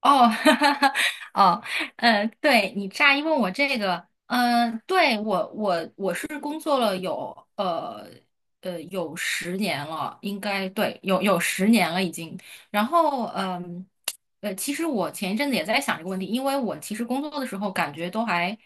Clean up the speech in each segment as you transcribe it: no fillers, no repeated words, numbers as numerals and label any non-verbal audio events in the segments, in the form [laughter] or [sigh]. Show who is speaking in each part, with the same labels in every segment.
Speaker 1: 哦，[laughs] 哈哈哈，哦，嗯，对你乍一问我这个，嗯，对我是工作了有十年了，应该对，有十年了已经。然后，其实我前一阵子也在想这个问题，因为我其实工作的时候感觉都还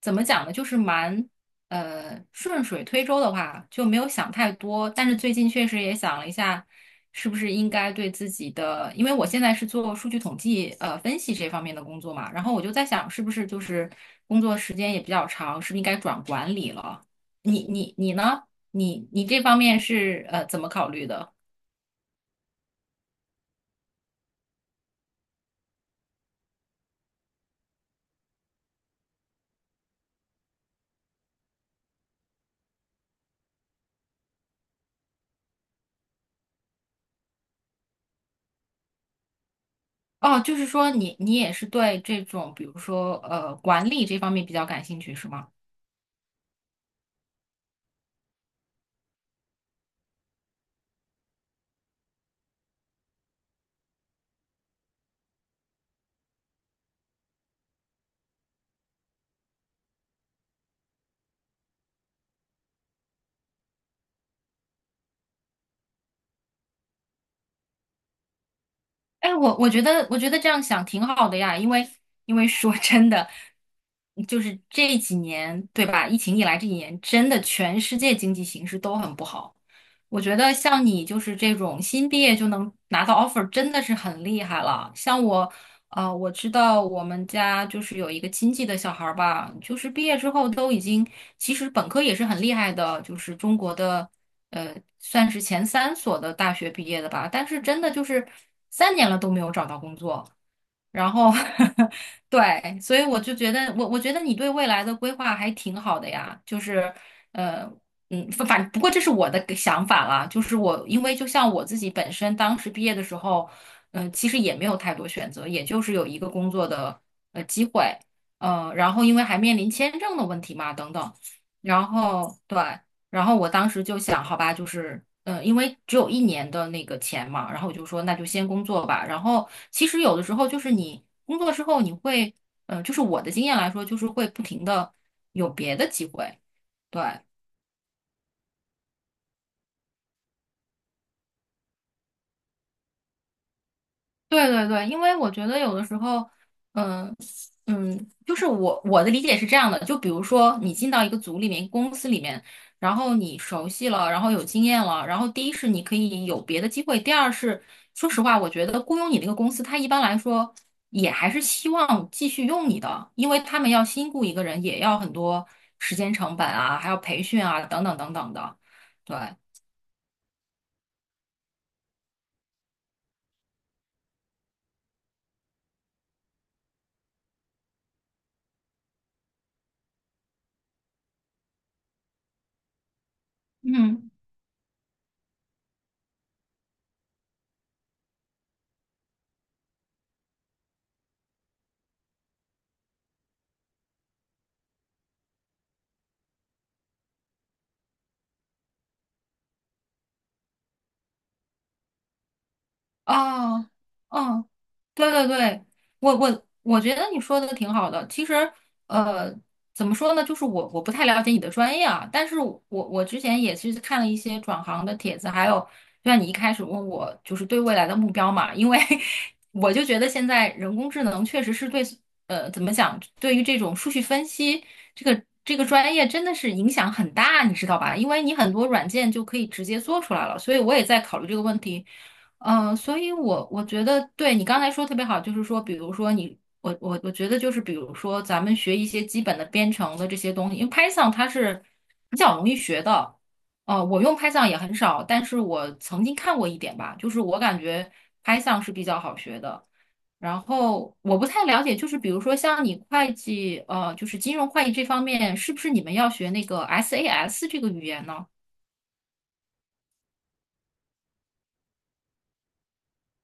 Speaker 1: 怎么讲呢，就是蛮，顺水推舟的话就没有想太多，但是最近确实也想了一下，是不是应该对自己的，因为我现在是做数据统计、分析这方面的工作嘛，然后我就在想，是不是就是工作时间也比较长，是不是应该转管理了？你呢？你这方面是怎么考虑的？哦，就是说你也是对这种，比如说管理这方面比较感兴趣是吗？哎，我觉得这样想挺好的呀，因为因为说真的，就是这几年，对吧？疫情以来这几年，真的全世界经济形势都很不好。我觉得像你就是这种新毕业就能拿到 offer,真的是很厉害了。像我，我知道我们家就是有一个亲戚的小孩儿吧，就是毕业之后都已经，其实本科也是很厉害的，就是中国的。算是前三所的大学毕业的吧，但是真的就是三年了都没有找到工作，然后 [laughs] 对，所以我就觉得我觉得你对未来的规划还挺好的呀，就是呃嗯，反反不过这是我的个想法啦，就是我因为就像我自己本身当时毕业的时候，嗯、其实也没有太多选择，也就是有一个工作的机会，然后因为还面临签证的问题嘛，等等，然后对。然后我当时就想，好吧，就是，嗯、因为只有一年的那个钱嘛，然后我就说，那就先工作吧。然后其实有的时候就是你工作之后，你会，嗯、就是我的经验来说，就是会不停的有别的机会，对。对对对，因为我觉得有的时候，嗯就是我的理解是这样的，就比如说你进到一个组里面、公司里面，然后你熟悉了，然后有经验了，然后第一是你可以有别的机会，第二是说实话，我觉得雇佣你那个公司，它一般来说也还是希望继续用你的，因为他们要新雇一个人，也要很多时间成本啊，还要培训啊，等等等等的，对，嗯，哦。哦，对对对，我觉得你说的挺好的。其实，呃，怎么说呢，就是我不太了解你的专业啊，但是我之前也是看了一些转行的帖子，还有就像你一开始问我，就是对未来的目标嘛，因为 [laughs] 我就觉得现在人工智能确实是对，怎么讲，对于这种数据分析这个专业真的是影响很大，你知道吧？因为你很多软件就可以直接做出来了，所以我也在考虑这个问题。嗯，所以我觉得对你刚才说特别好，就是说，比如说你，我觉得就是，比如说咱们学一些基本的编程的这些东西，因为 Python 它是比较容易学的。我用 Python 也很少，但是我曾经看过一点吧，就是我感觉 Python 是比较好学的。然后我不太了解，就是比如说像你会计，就是金融会计这方面，是不是你们要学那个 SAS 这个语言呢？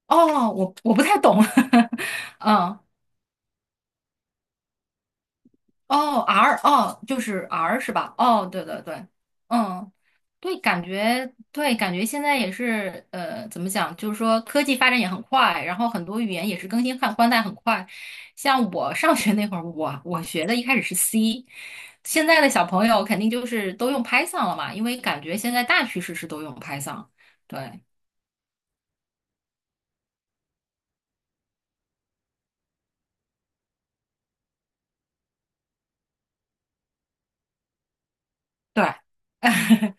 Speaker 1: 哦，我不太懂，[laughs] 嗯。哦，R 哦，就是 R 是吧？哦，对对对，嗯，对，感觉对，感觉现在也是怎么讲？就是说科技发展也很快，然后很多语言也是更新换代很快。像我上学那会儿，我学的一开始是 C,现在的小朋友肯定就是都用 Python 了嘛，因为感觉现在大趋势是都用 Python。对对，[laughs]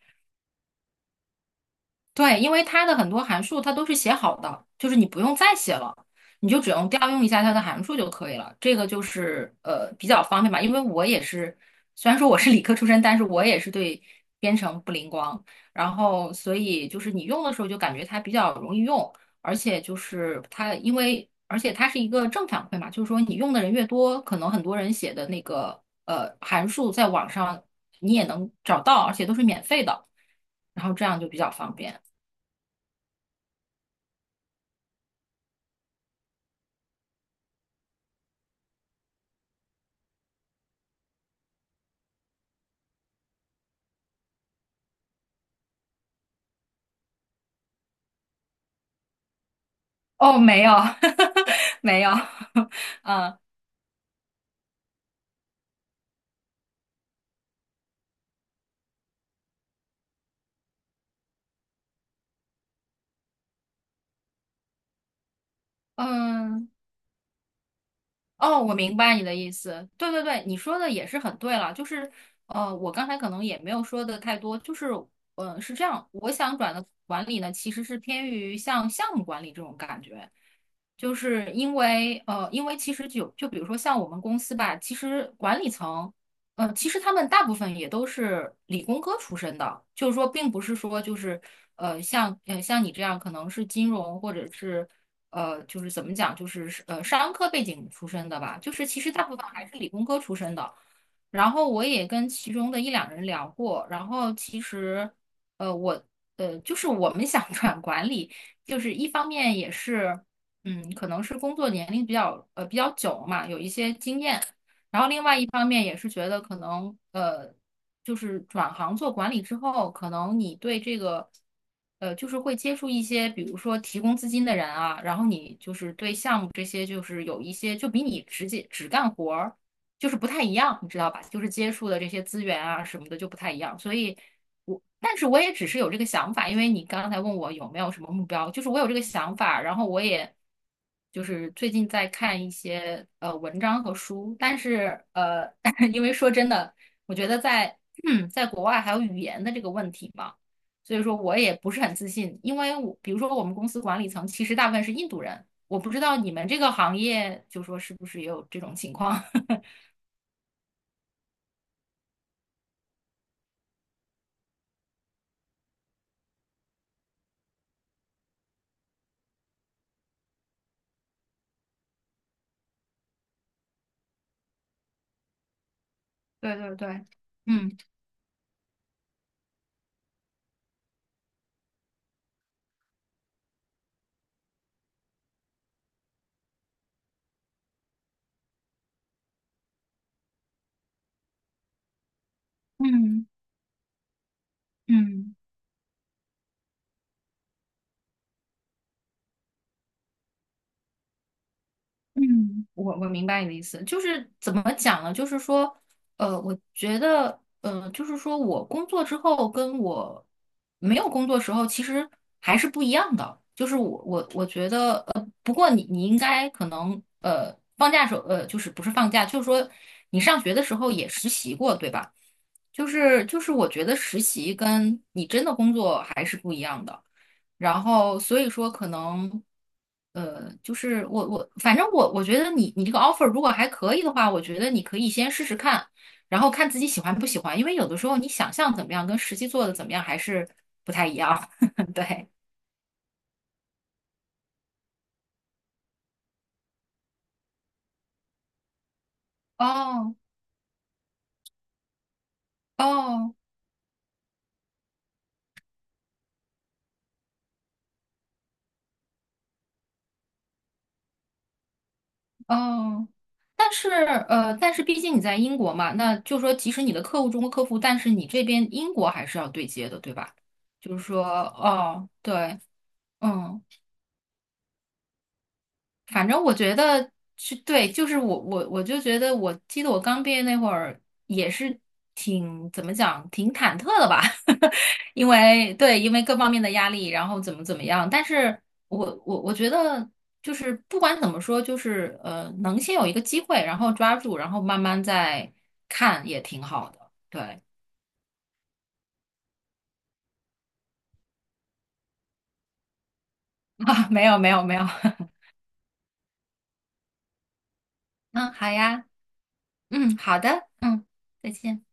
Speaker 1: 对，因为它的很多函数它都是写好的，就是你不用再写了，你就只用调用一下它的函数就可以了。这个就是比较方便吧，因为我也是，虽然说我是理科出身，但是我也是对编程不灵光，然后所以就是你用的时候就感觉它比较容易用，而且就是它而且它是一个正反馈嘛，就是说你用的人越多，可能很多人写的那个函数在网上你也能找到，而且都是免费的，然后这样就比较方便。哦，没有，[laughs] 没有，[laughs] 嗯嗯，哦，我明白你的意思。对对对，你说的也是很对了。就是，我刚才可能也没有说的太多。就是，是这样，我想转的管理呢，其实是偏于像项目管理这种感觉。就是因为，因为其实就比如说像我们公司吧，其实管理层，其实他们大部分也都是理工科出身的，就是说，并不是说就是，像你这样可能是金融或者是。就是怎么讲，就是商科背景出身的吧，就是其实大部分还是理工科出身的。然后我也跟其中的一两人聊过，然后其实呃我呃就是我们想 [laughs] 转管理，就是一方面也是嗯可能是工作年龄比较比较久嘛，有一些经验，然后另外一方面也是觉得可能就是转行做管理之后，可能你对这个，就是会接触一些，比如说提供资金的人啊，然后你就是对项目这些，就是有一些就比你直接只干活儿，就是不太一样，你知道吧？就是接触的这些资源啊什么的就不太一样，所以我，但是我也只是有这个想法，因为你刚才问我有没有什么目标，就是我有这个想法，然后我也。就是最近在看一些文章和书，但是[laughs] 因为说真的。我觉得在 [clears throat] 在国外还有语言的这个问题嘛，所以说我也不是很自信，因为我比如说我们公司管理层其实大部分是印度人，我不知道你们这个行业就说是不是也有这种情况。[laughs] 对对对，嗯嗯嗯。嗯，我明白你的意思，就是怎么讲呢？就是说，我觉得，就是说我工作之后跟我没有工作时候其实还是不一样的。就是我觉得，不过你应该可能，放假时候，就是不是放假，就是说你上学的时候也实习过，对吧？我觉得实习跟你真的工作还是不一样的。然后所以说可能，就是我反正我觉得你这个 offer 如果还可以的话，我觉得你可以先试试看，然后看自己喜欢不喜欢，因为有的时候你想象怎么样跟实际做的怎么样还是不太一样。[laughs] 对，哦哦哦，但是但是毕竟你在英国嘛，那就是说即使你的客户中国客户，但是你这边英国还是要对接的，对吧？就是说，哦，对，嗯。反正我觉得是对，就是我就觉得，我记得我刚毕业那会儿也是挺怎么讲，挺忐忑的吧，[laughs] 因为对，因为各方面的压力，然后怎么怎么样。但是我觉得就是不管怎么说，就是能先有一个机会，然后抓住，然后慢慢再看也挺好的。对 [laughs] 啊，没有没有没有，[laughs] 嗯，好呀，嗯，好的，嗯，再见。